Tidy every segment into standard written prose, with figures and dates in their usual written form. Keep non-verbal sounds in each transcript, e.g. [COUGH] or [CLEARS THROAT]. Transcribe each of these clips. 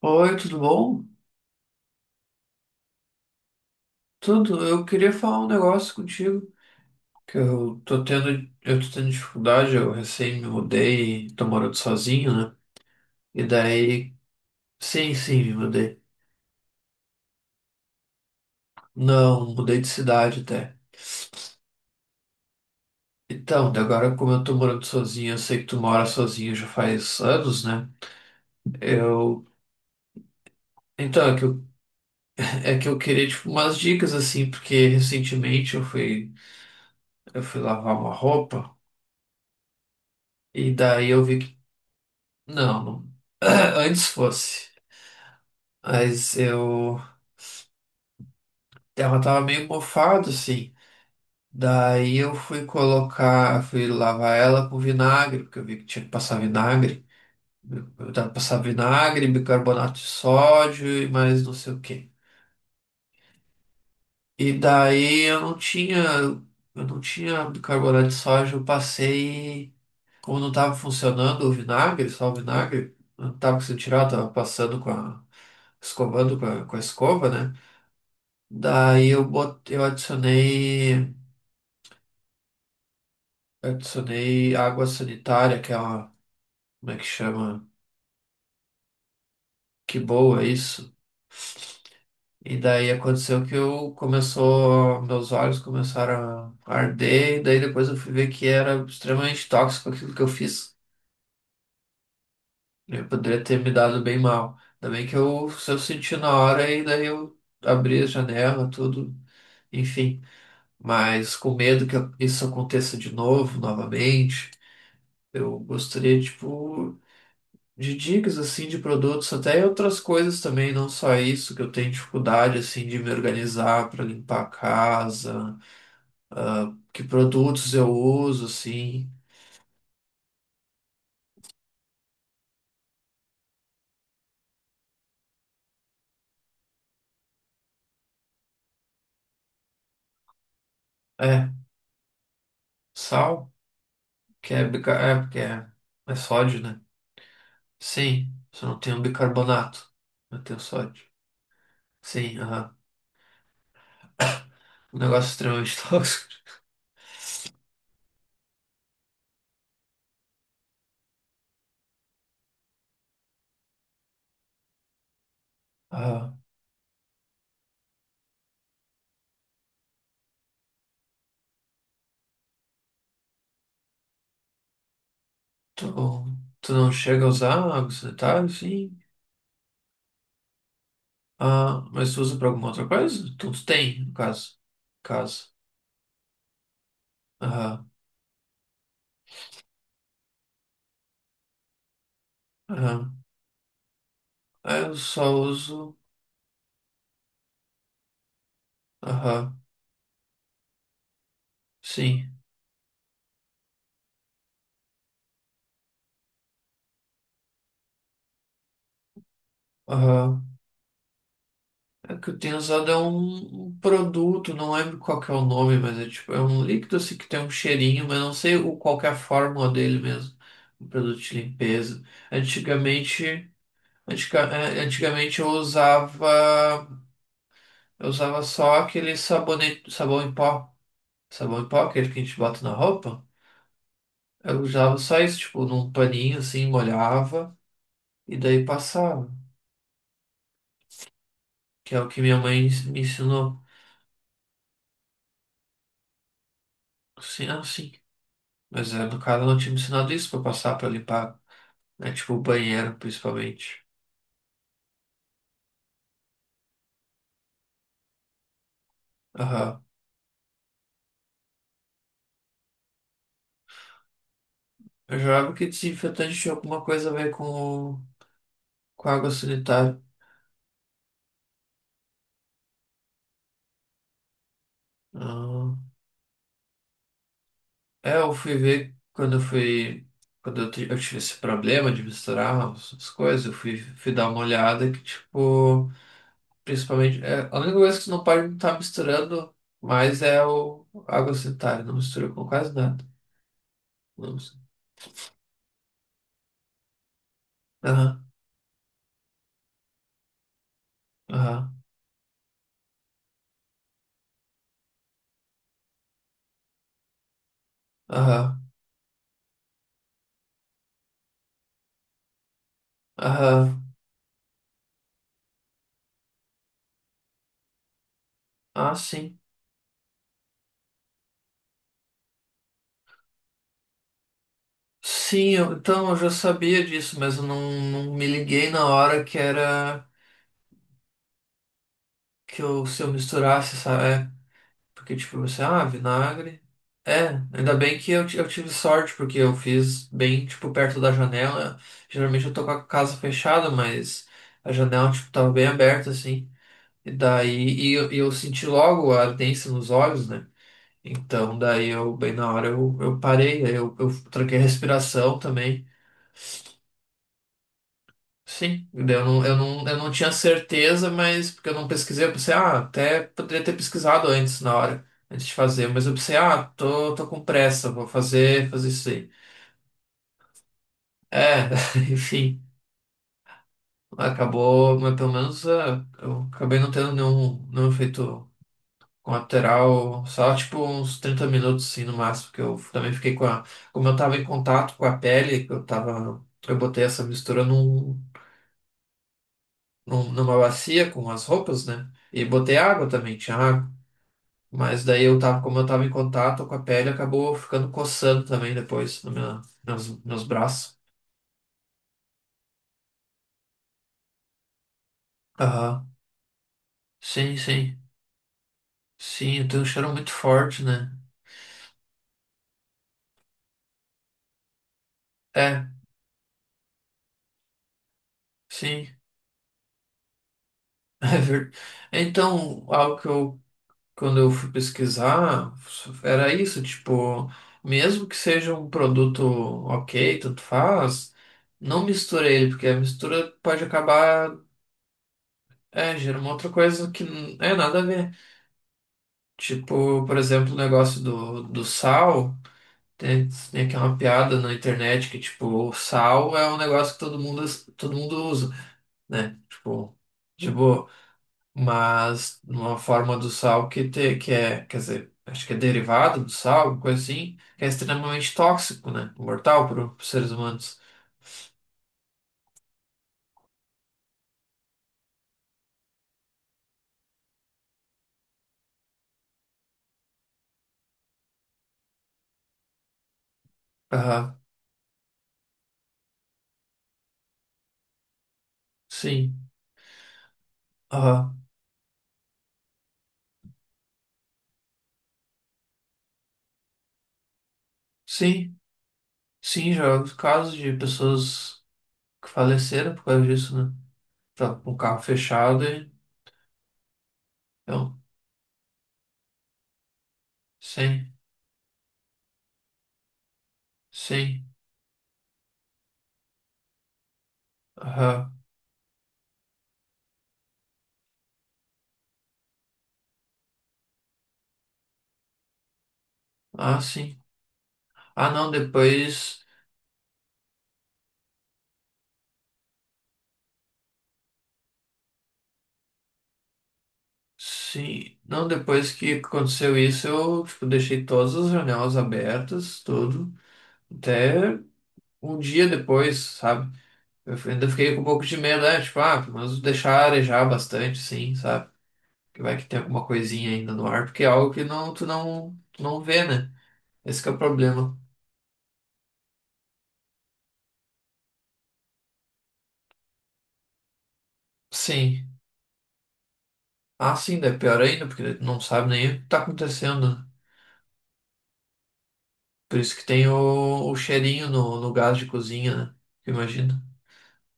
Oi, tudo bom? Tudo. Eu queria falar um negócio contigo, que eu tô tendo dificuldade, eu recém me mudei, tô morando sozinho, né? E daí, sim, sim, me mudei. Não, mudei de cidade até. Então, daí agora como eu tô morando sozinho, eu sei que tu mora sozinho já faz anos, né? Eu, então, é que eu queria, tipo, umas dicas, assim, porque recentemente eu fui lavar uma roupa, e daí eu vi que, não, não. [CLEARS THROAT] Antes fosse. Mas eu. Ela tava meio mofado, assim. Daí eu fui colocar, fui lavar ela com vinagre, porque eu vi que tinha que passar vinagre. Eu tava passando vinagre, bicarbonato de sódio e mais não sei o quê. E daí eu não tinha bicarbonato de sódio, eu passei, como não tava funcionando o vinagre, só o vinagre, eu não tava conseguindo tirar, eu tava passando com a, escovando com a escova, né? Daí eu botei, eu adicionei. Eu adicionei água sanitária, que é uma. Como é que chama? Que boa é isso. E daí aconteceu que eu começou, meus olhos começaram a arder, e daí depois eu fui ver que era extremamente tóxico aquilo que eu fiz. Eu poderia ter me dado bem mal. Ainda bem que eu, se eu senti na hora, e daí eu abri a janela, tudo, enfim. Mas com medo que isso aconteça de novo, novamente, eu gostaria, tipo. De dicas assim de produtos, até outras coisas também, não só isso, que eu tenho dificuldade assim de me organizar para limpar a casa, ah, que produtos eu uso assim. É, sal, que é, bica- é porque é, é sódio, né? Sim, só não tem o bicarbonato, mas tem o sódio. Sim, aham. Um negócio extremamente [LAUGHS] tóxico. Ah, tu, tu não chega a usar água sanitária, sim. Ah, mas tu usa para alguma outra coisa? Tu tem, no caso. Caso. Aham. Ah, eu só uso. Aham. Sim. Aham. É que eu tenho usado é um produto, não lembro qual que é o nome, mas é tipo, é um líquido assim que tem um cheirinho, mas não sei o, qual que é a fórmula dele mesmo. Um produto de limpeza. Antigamente. Antica- é, antigamente eu usava. Eu usava só aquele sabonete, sabão em pó. Sabão em pó, aquele que a gente bota na roupa. Eu usava só isso, tipo, num paninho assim, molhava e daí passava. Que é o que minha mãe me ensinou. Sim, ah, sim. Mas é, no caso, ela não tinha me ensinado isso pra passar pra limpar, né? Tipo o banheiro, principalmente. Aham. Eu jurava que desinfetante tinha alguma coisa a ver com água sanitária. Ah. É, eu fui ver quando eu fui. Quando eu, ti- eu tive esse problema de misturar as, as coisas, eu fui, fui dar uma olhada que, tipo, principalmente. É, a única coisa que você não pode estar misturando mais é o água sanitária, não mistura com quase nada. Não mistura. Aham. Aham, aham, aham. Ah, sim. Sim, então eu já sabia disso, mas eu não, não me liguei na hora que era que eu, se eu misturasse, sabe? É, porque tipo, você, ah, vinagre. É, ainda bem que eu, ti- eu tive sorte, porque eu fiz bem, tipo, perto da janela. Geralmente eu tô com a casa fechada, mas a janela, tipo, tava bem aberta, assim. E daí, e eu senti logo a ardência nos olhos, né? Então, daí eu, bem na hora, eu parei, aí eu troquei a respiração também. Sim, daí eu não tinha certeza, mas porque eu não pesquisei, eu pensei, ah, até poderia ter pesquisado antes, na hora, antes de fazer, mas eu pensei, ah, tô com pressa, vou fazer, fazer isso aí. É, [LAUGHS] enfim, acabou, mas pelo menos ah, eu acabei não tendo nenhum efeito com a lateral, só tipo uns 30 minutos assim no máximo, que eu também fiquei com a. Como eu tava em contato com a pele, que eu tava. Eu botei essa mistura num, num- numa bacia com as roupas, né? E botei água também, tinha água. Mas daí eu tava, como eu tava em contato com a pele, acabou ficando coçando também depois no meu, meus braços. Aham. Sim, sim. Sim, tem um cheiro muito forte, né? É, sim. [LAUGHS] É verdade. Então, algo que eu quando eu fui pesquisar, era isso, tipo, mesmo que seja um produto ok, tanto faz, não mistura ele, porque a mistura pode acabar, é, gerando uma outra coisa que não é nada a ver. Tipo, por exemplo, o negócio do sal, tem, tem aqui uma piada na internet que, tipo, o sal é um negócio que todo mundo usa, né? Tipo, de boa. Mas uma forma do sal que, te, que é, quer dizer, acho que é derivado do sal, alguma coisa assim, que é extremamente tóxico, né? Mortal para os seres humanos. Aham, sim. Aham, sim. Sim, já houve casos de pessoas que faleceram por causa disso, né? Tá com o carro fechado e. Então, sim, sim. Aham, ah, sim. Ah, não, depois. Sim, não, depois que aconteceu isso, eu, tipo, deixei todas as janelas abertas, tudo. Até um dia depois, sabe? Eu ainda fiquei com um pouco de medo, né? Tipo, ah, mas deixar arejar bastante, sim, sabe? Que vai que tem alguma coisinha ainda no ar, porque é algo que não, tu não vê, né? Esse que é o problema. Sim. Ah, sim, daí é pior ainda, porque tu não sabe nem o que tá acontecendo. Né? Por isso que tem o cheirinho no, no gás de cozinha, né? Imagina,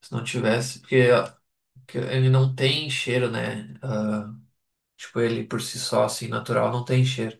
se não tivesse, porque, porque ele não tem cheiro, né? Ah, tipo, ele por si só, assim, natural, não tem cheiro.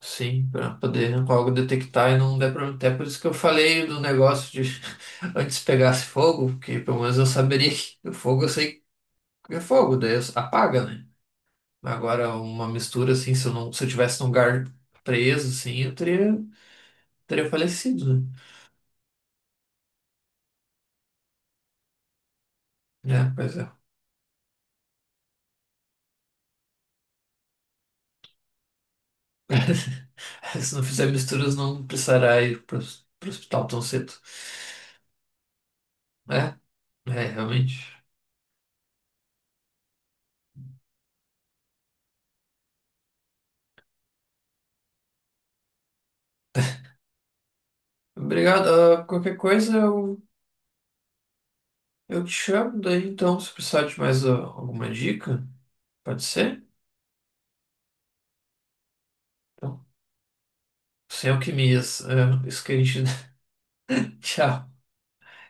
Sim, para poder logo detectar e não der problema. Até por isso que eu falei do negócio de [LAUGHS] antes pegasse fogo, porque pelo menos eu saberia que o fogo eu sei que é fogo, daí eu- apaga, né? Agora, uma mistura assim, se eu não, se eu tivesse num lugar preso, assim, eu teria, teria falecido, né? É, pois é. [LAUGHS] Se não fizer misturas, não precisará ir para o hospital tão cedo. É, é, realmente. Obrigado. Ah, qualquer coisa, eu te chamo daí então, se precisar de mais ah, alguma dica, pode ser? Então, sem alquimias, é, isso que a gente. [LAUGHS] Tchau.